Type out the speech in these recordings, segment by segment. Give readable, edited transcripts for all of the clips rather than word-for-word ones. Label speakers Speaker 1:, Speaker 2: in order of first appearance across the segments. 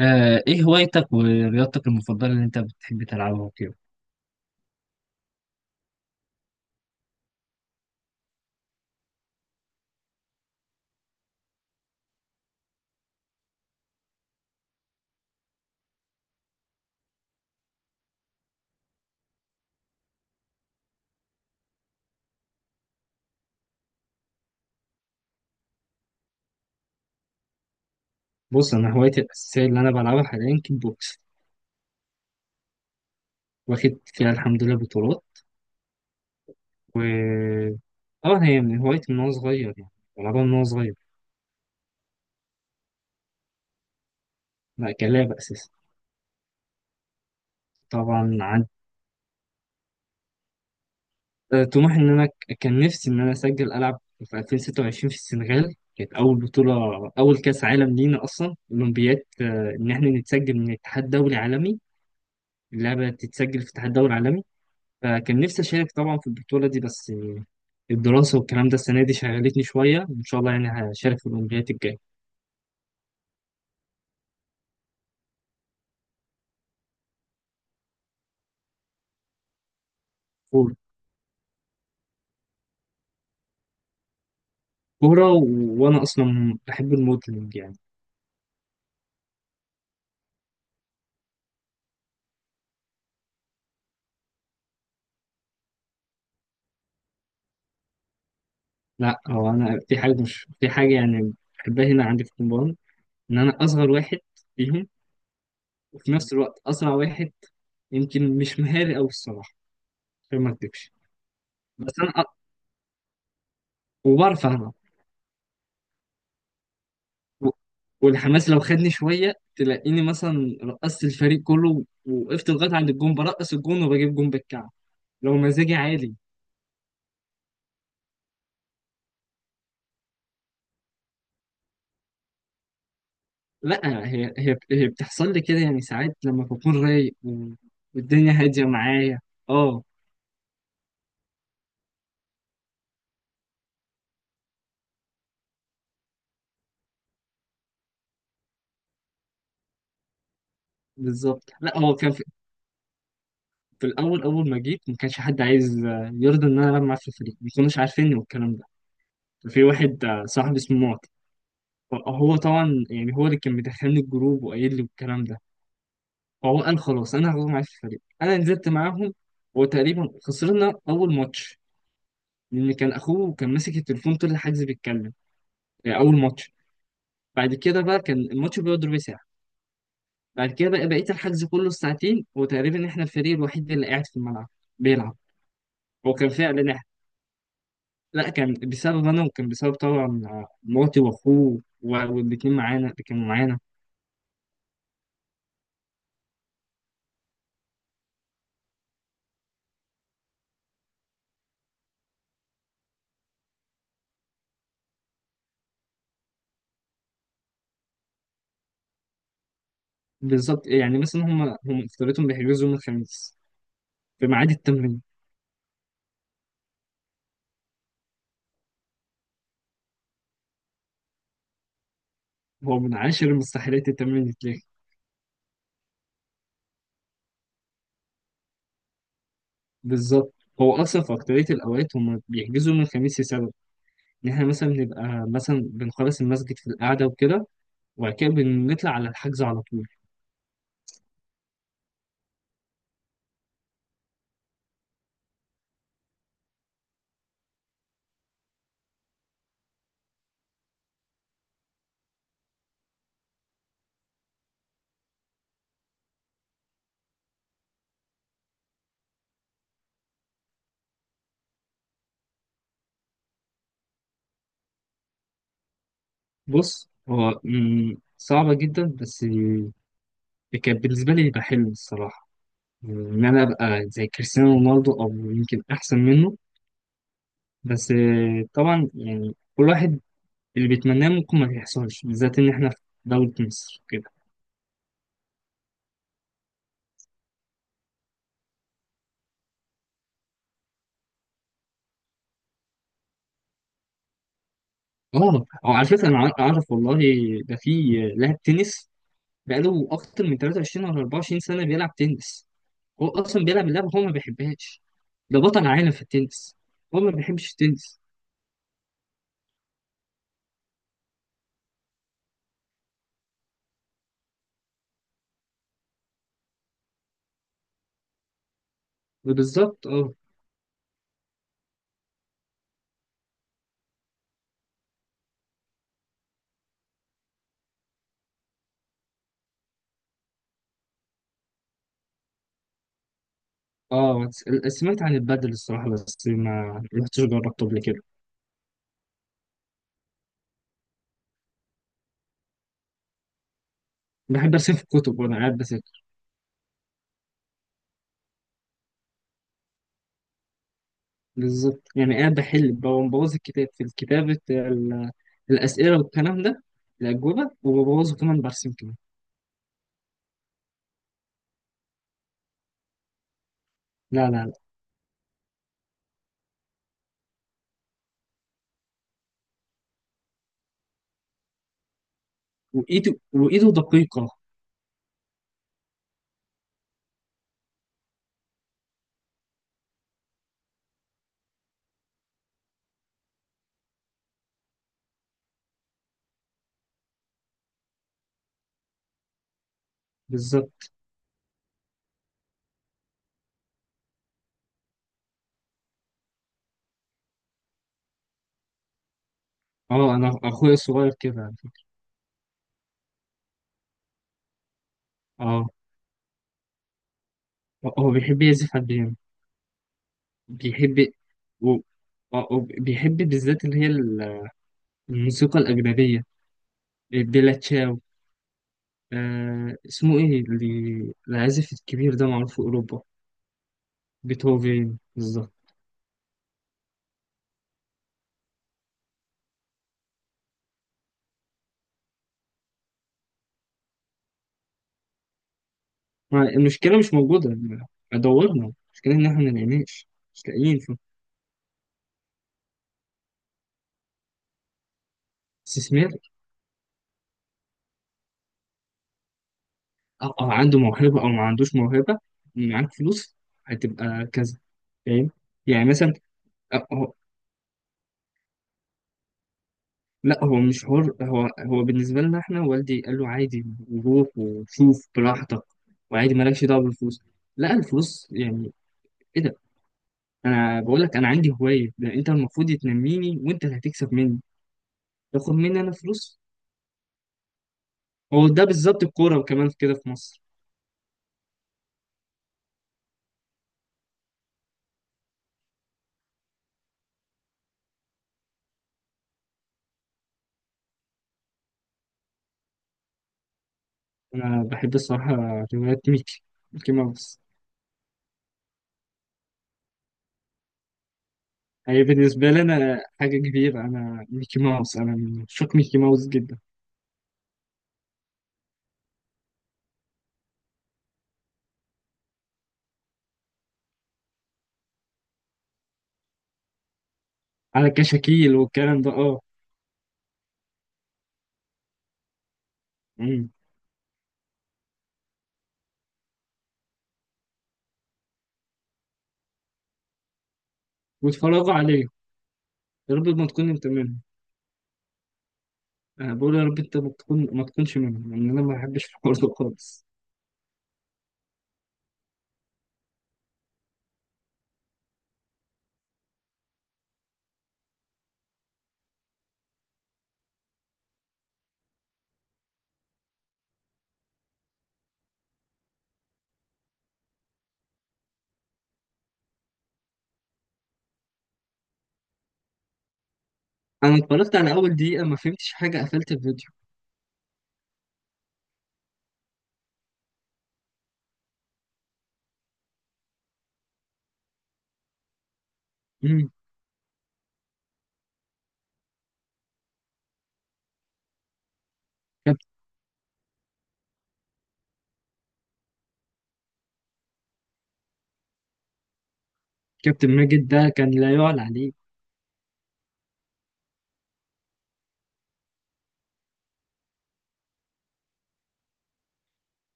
Speaker 1: ايه هوايتك ورياضتك المفضلة اللي انت بتحب تلعبها وكده؟ بص، انا هوايتي الاساسية اللي انا بلعبها حاليا كيك بوكس. واخد فيها الحمد لله بطولات. و اه هي من هوايتي من وانا صغير يعني. بلعبها من وانا صغير. لا، كلعبة اساسا. طبعا. عن آه، طموحي ان انا كان نفسي ان انا اسجل العب في 2026 في السنغال، كانت اول بطولة. اول كاس عالم لينا اصلا اولمبياد، ان احنا نتسجل من اتحاد دولي عالمي. اللعبة تتسجل في اتحاد دولي عالمي. فكان نفسي أشارك طبعا في البطولة دي، بس الدراسة والكلام ده السنة دي شغلتني شوية، وإن شاء الله يعني هشارك في الأولمبياد الجاية. كورة، كورة. وأنا أصلا بحب الموديلنج يعني. لا، هو أنا في حاجة مش في حاجة يعني. بحبها هنا عندي في الكومباوند. إن أنا أصغر واحد فيهم. وفي نفس الوقت أسرع واحد. يمكن مش مهاري أوي الصراحة. عشان ما أكدبش. بس أنا وبعرف ألعب. و- والحماس لو خدني شوية، تلاقيني مثلا رقصت الفريق كله، ووقفت لغاية عند الجون برقص الجون وبجيب جون بالكعب لو مزاجي عالي. لا، هي بتحصل لي كده يعني، ساعات لما بكون رايق والدنيا هادية معايا. اه. بالظبط. لا، هو كان في الأول، أول ما جيت ما كانش حد عايز يرضى إن أنا ألعب معاه في الفريق، ما كانوش عارفيني والكلام ده. ففي واحد صاحبي اسمه معطي. هو طبعا يعني هو اللي كان مدخلني الجروب وقايل لي والكلام ده. هو قال خلاص انا هروح معاك الفريق، انا نزلت معاهم. وتقريبا خسرنا اول ماتش. لان كان اخوه كان ماسك التليفون طول الحجز بيتكلم. يعني اول ماتش. بعد كده بقى كان الماتش بيقعد ربع ساعه. بعد كده بقى بقيت الحجز كله ساعتين، وتقريبا احنا الفريق الوحيد اللي قاعد في الملعب بيلعب. هو كان فعلا احنا. لا، كان بسبب انا، وكان بسبب طبعا مراتي واخوه والاتنين معانا اللي كانوا معانا. بالظبط. يعني مثلا هم افترضتهم بيحجزوا يوم الخميس في ميعاد التمرين. هو من عاشر المستحيلات التمرين. بالظبط. هو اصلا في اكتريه الاوقات هم بيحجزوا من الخميس لسبب ان احنا مثلا بنبقى مثلا بنخلص المسجد في القعده وكده. وبعد كده بنطلع على الحجز على طول. بص، هو صعبه جدا، بس كان بالنسبه لي يبقى حلم الصراحه، ان انا ابقى زي كريستيانو رونالدو او يمكن احسن منه. بس طبعا يعني كل واحد اللي بيتمناه ممكن ما يحصلش، بالذات ان احنا في دوله مصر كده. اه، أو على فكره، انا اعرف والله ده في لاعب تنس بقاله اكتر من 23 ولا 24 سنه بيلعب تنس. هو اصلا بيلعب اللعبه هو ما بيحبهاش. ده بطل عالم في التنس. هو ما بيحبش التنس. بالظبط. اه. اه، سمعت عن البادل الصراحه بس ما رحتش جربته قبل كده. بحب ارسم في الكتب وانا قاعد بذاكر. بالظبط. يعني قاعد بحل ببوظ الكتاب في الكتابه الاسئله والكلام ده، الاجوبه وببوظه كمان برسم كمان. لا، لا، لا. وايده وايده دقيقه. بالظبط. اه، انا اخويا الصغير كده. اه، هو بيحب يعزف على البيانو. بيحب و... بيحب بالذات اللي هي الموسيقى الأجنبية. بيلا تشاو. اسمه إيه اللي العازف الكبير ده معروف في أوروبا؟ بيتهوفن. بالظبط. المشكلة مش موجودة. دورنا. المشكلة إن إحنا ملاقيناش، مش لاقيين استثمار. أو عنده موهبة أو ما عندوش موهبة، معاك فلوس، هتبقى كذا. فاهم؟ يعني مثلا، آه، آه، لا هو مش حر هو. هو بالنسبة لنا احنا والدي قال له عادي، روح وشوف براحتك، وعادي مالكش دعوة بالفلوس. لا، الفلوس يعني ايه ده؟ انا بقول لك انا عندي هواية، ده انت المفروض تنميني، وانت اللي هتكسب مني. تاخد مني انا فلوس؟ هو ده بالظبط الكورة وكمان كده في مصر. انا بحب الصراحة روايات ميكي، ميكي ماوس. هي بالنسبة لي انا حاجة كبيرة، انا ميكي ماوس، انا من عشاق ميكي ماوس جدا. على كشاكيل والكلام ده، اه. مم. واتفرجوا عليه. يا رب ما تكون انت منهم. انا بقول يا رب انت ما تكونش منهم، لان انا ما بحبش الحوار ده خالص. انا اتفرجت على اول دقيقه، ما فهمتش حاجه، قفلت الفيديو. امم. كابت... كابتن ماجد ده كان لا يعلى عليه.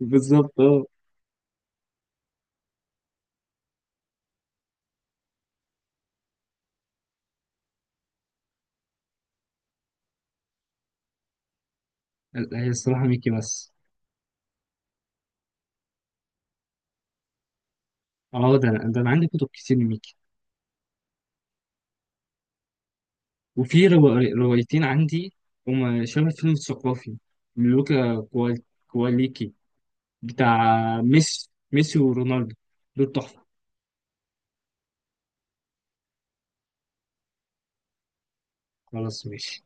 Speaker 1: بالظبط. اه. لا، هي الصراحه ميكي بس. اه، ده انا عندي كتب كتير لميكي. وفي روايتين عندي. هما شبه فيلم الثقافي. لوكا كواليكي بتاع ميسي ورونالدو. دول تحفه. خلاص ماشي.